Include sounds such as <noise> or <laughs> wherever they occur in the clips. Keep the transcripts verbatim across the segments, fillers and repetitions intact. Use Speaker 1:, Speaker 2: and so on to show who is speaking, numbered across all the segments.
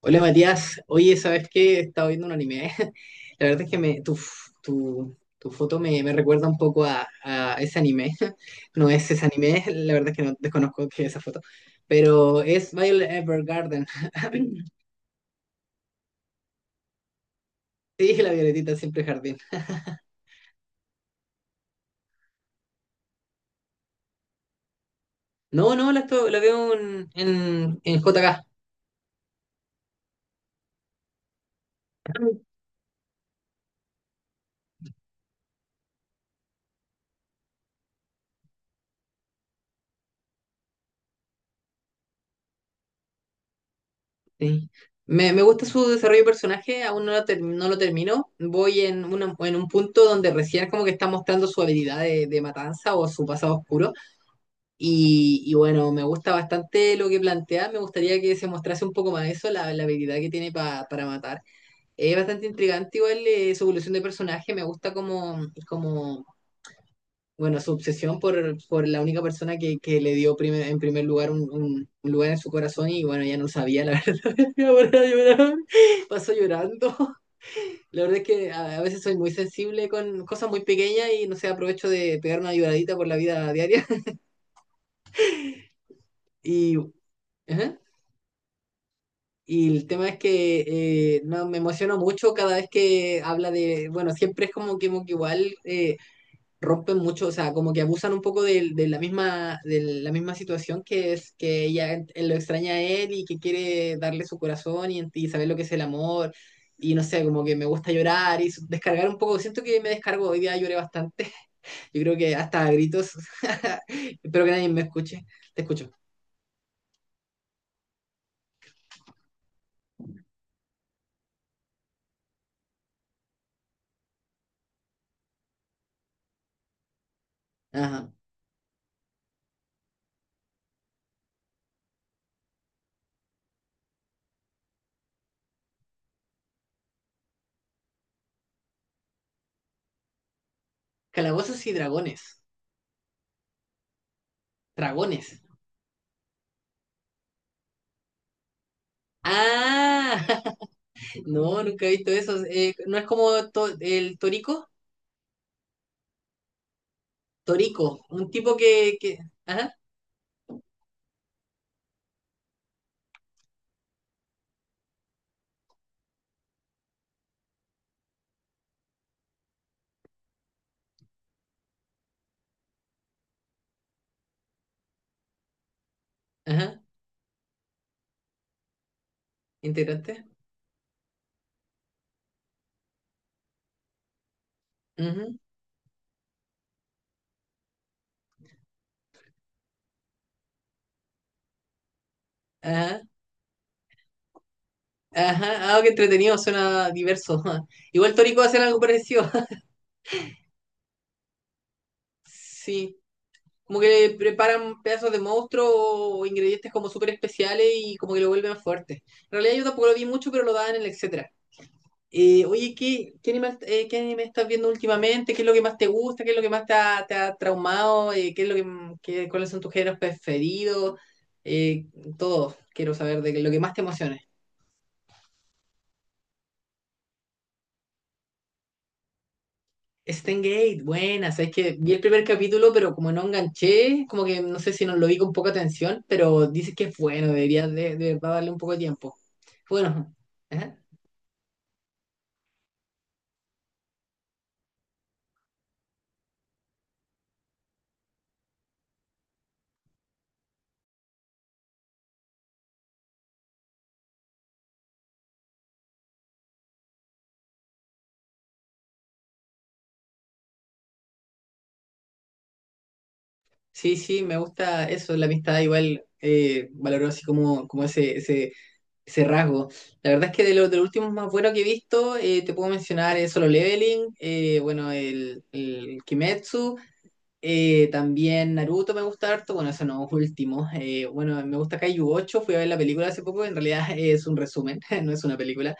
Speaker 1: Hola Matías, oye, ¿sabes qué? He estado viendo un anime. <laughs> La verdad es que me, tu, f- tu, tu foto me, me recuerda un poco a, a ese anime. <laughs> No es ese anime, <laughs> la verdad es que no desconozco qué es esa foto. Pero es Violet Evergarden. <laughs> Sí, la violetita siempre jardín. No, no, la, esto- La veo en, en, en J K. Sí. Me, me gusta su desarrollo de personaje, aún no lo, ter- no lo termino. Voy en, una- en un punto donde recién como que está mostrando su habilidad de, de matanza o su pasado oscuro. Y, y bueno, me gusta bastante lo que plantea, me gustaría que se mostrase un poco más eso, la, la habilidad que tiene pa- para matar. Es bastante intrigante igual eh, su evolución de personaje, me gusta como, como bueno, su obsesión por, por la única persona que, que le dio primer- en primer lugar un, un- un lugar en su corazón y bueno, ya no sabía, la verdad, <laughs> me voy a llorar, paso llorando. La verdad es que a, a veces soy muy sensible con cosas muy pequeñas y no sé, aprovecho de pegar una lloradita por la vida diaria. <laughs> Y, ajá. Y el tema es que eh, no, me emociono mucho cada vez que habla de, bueno, siempre es como que, como que igual eh, rompen mucho, o sea, como que abusan un poco de, de la misma, de la misma situación que es que ella él lo extraña a él y que quiere darle su corazón y, y saber lo que es el amor. Y no sé, como que me gusta llorar y descargar un poco. Siento que me descargo, hoy día lloré bastante. <laughs> Yo creo que hasta a gritos. <laughs> Espero que nadie me escuche. Te escucho. Ajá. Calabozos y dragones. Dragones. Ah, <laughs> no, nunca he visto eso. Eh, ¿no es como to- el Torico? Torico, un tipo que, que... Ajá, ajá, integrante. Ujú, ajá, ajá, ah, qué entretenido, suena diverso. <laughs> Igual Torico hace algo parecido. <laughs> Sí, como que preparan pedazos de monstruo o ingredientes como súper especiales y como que lo vuelven fuerte. En realidad yo tampoco lo vi mucho, pero lo daban en el etcétera. Eh, oye, ¿qué, qué anime, eh, qué anime estás viendo últimamente? ¿Qué es lo que más te gusta? ¿Qué es lo que más te ha, te ha traumado? Eh, ¿qué es lo que, qué- cuáles son tus géneros preferidos? Eh, todo, quiero saber de lo que más te emocione. Gate, buena, sabes que vi el primer capítulo, pero como no enganché, como que no sé si nos lo vi con poca atención, pero dices que es bueno, deberías de, de verdad darle un poco de tiempo. Bueno, ajá. Sí, sí, me gusta eso, la amistad igual eh, valoró así como, como ese, ese ese rasgo. La verdad es que de los, de los últimos más buenos que he visto, eh, te puedo mencionar eh, Solo Leveling, eh, bueno, el, el Kimetsu, eh, también Naruto me gusta harto, bueno, eso no, último. eh, bueno, me gusta Kaiju ocho, fui a ver la película hace poco, en realidad <laughs> es un resumen, <laughs> no es una película,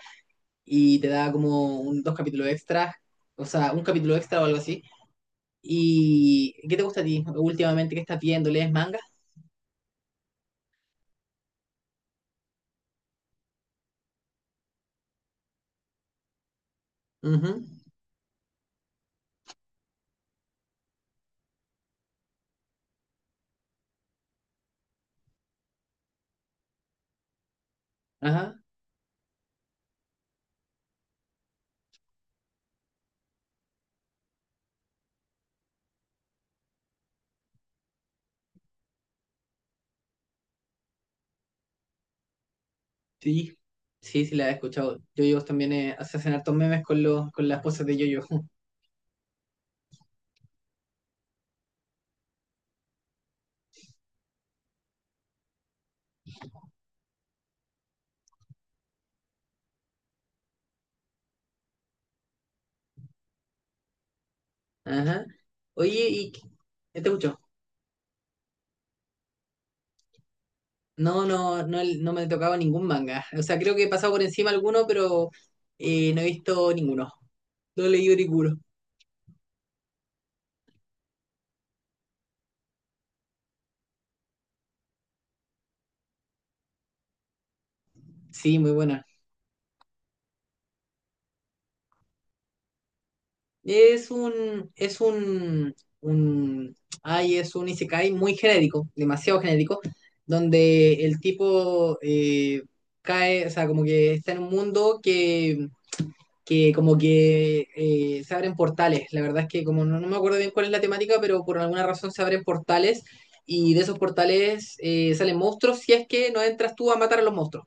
Speaker 1: y te da como un, dos capítulos extras, o sea, un capítulo extra o algo así. ¿Y qué te gusta a ti últimamente que estás viendo? ¿Lees manga? Ujú, ajá. Sí, sí, sí la he escuchado. Yoyos también eh, hace hacen hartos memes con los con las poses de Yoyo. <laughs> Ajá. Oye, ¿y qué- ¿qué te escucho? No, no, no, no me he tocado ningún manga. O sea, creo que he pasado por encima alguno, pero eh, no he visto ninguno. No he leído ninguno. Sí, muy buena. Es un, es un, un, ay, es un isekai muy genérico, demasiado genérico, donde el tipo eh, cae, o sea, como que está en un mundo que que como que eh, se abren portales. La verdad es que como no, no me acuerdo bien cuál es la temática, pero por alguna razón se abren portales y de esos portales eh, salen monstruos si es que no entras tú a matar a los monstruos.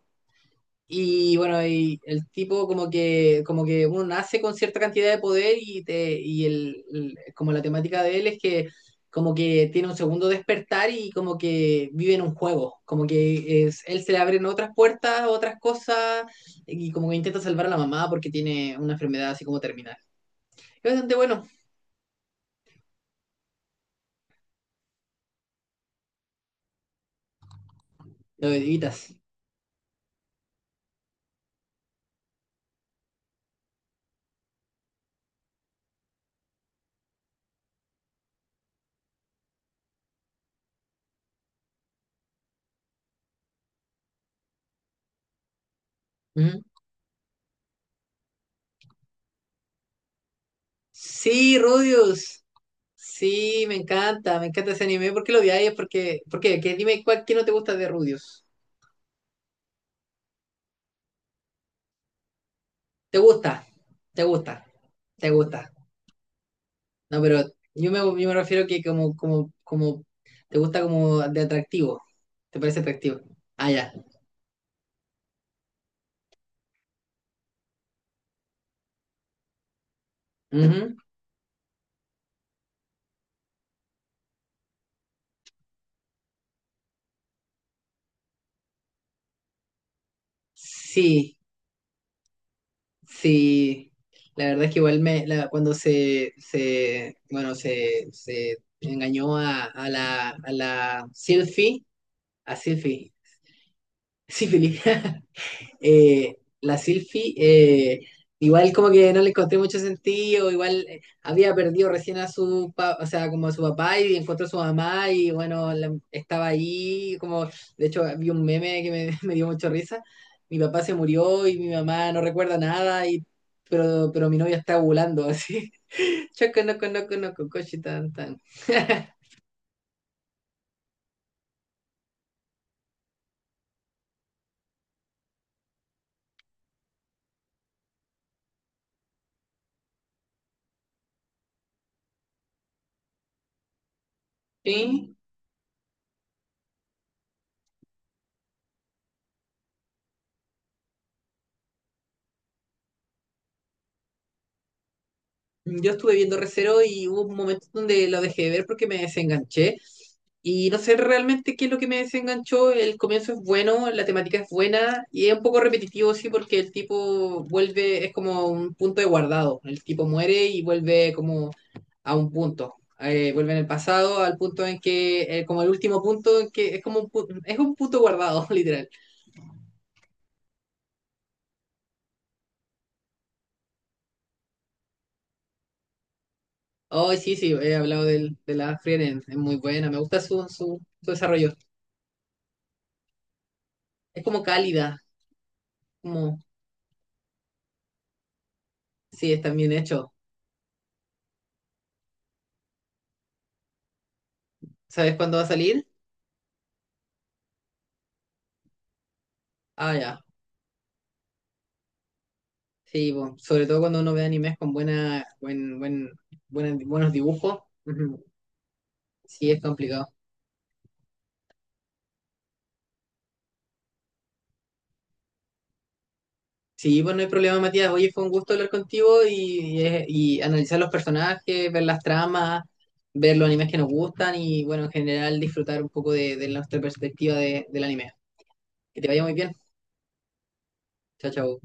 Speaker 1: Y bueno, y el tipo como que, como que uno nace con cierta cantidad de poder y, te, y el, el- como la temática de él es que como que tiene un segundo despertar y como que vive en un juego, como que es, él se le abren otras puertas, otras cosas y como que intenta salvar a la mamá porque tiene una enfermedad así como terminal. Es bastante bueno, lo evitas. Ujú. Sí, Rudius. Sí, me encanta, me encanta ese anime. ¿Por qué lo odiáis? Porque, ¿por qué? ¿Qué- dime cuál, qué no te gusta de Rudius. Te gusta, te gusta, te gusta. No, pero yo me, yo me refiero que como, como, como, te gusta como de atractivo. ¿Te parece atractivo? Ah, ya. Ujú. Sí, sí. La verdad es que igual me, la- cuando se, se, bueno, se, se engañó a, a la, a la Silphy, a Silphy, Sífilis. <laughs> eh, la Silfi, eh, igual como que no le encontré mucho sentido, igual eh, había perdido recién a su, pa- o sea, como a su papá y encontró a su mamá y bueno, la- estaba ahí, como, de hecho vi un meme que me, <laughs> me dio mucho risa, mi papá se murió y mi mamá no recuerda nada y... Pero, pero mi novia está ovulando así. <laughs> Choco, no, no, no, coche, tan, tan. Sí, yo estuve viendo Recero y hubo momentos donde lo dejé de ver porque me desenganché. Y no sé realmente qué es lo que me desenganchó. El comienzo es bueno, la temática es buena y es un poco repetitivo, sí, porque el tipo vuelve, es como un punto de guardado. El tipo muere y vuelve como a un punto. Eh, vuelve en el pasado al punto en que, eh, como el último punto, en que es como un, pu- es un punto guardado, <laughs> literal. Oh, sí, sí, he hablado del, de la Frieren, es muy buena, me gusta su, su, su desarrollo. Es como cálida, como, sí, está bien hecho. ¿Sabes cuándo va a salir? Ah, ya. Sí, po, sobre todo cuando uno ve animes con buena, buen, buen, buena- buenos dibujos. Ujú. Sí, es complicado. Sí, pues no hay problema, Matías. Oye, fue un gusto hablar contigo y, y, y analizar los personajes, ver las tramas, ver los animes que nos gustan y, bueno, en general disfrutar un poco de, de nuestra perspectiva de- del anime. Que te vaya muy bien. Chao, chao.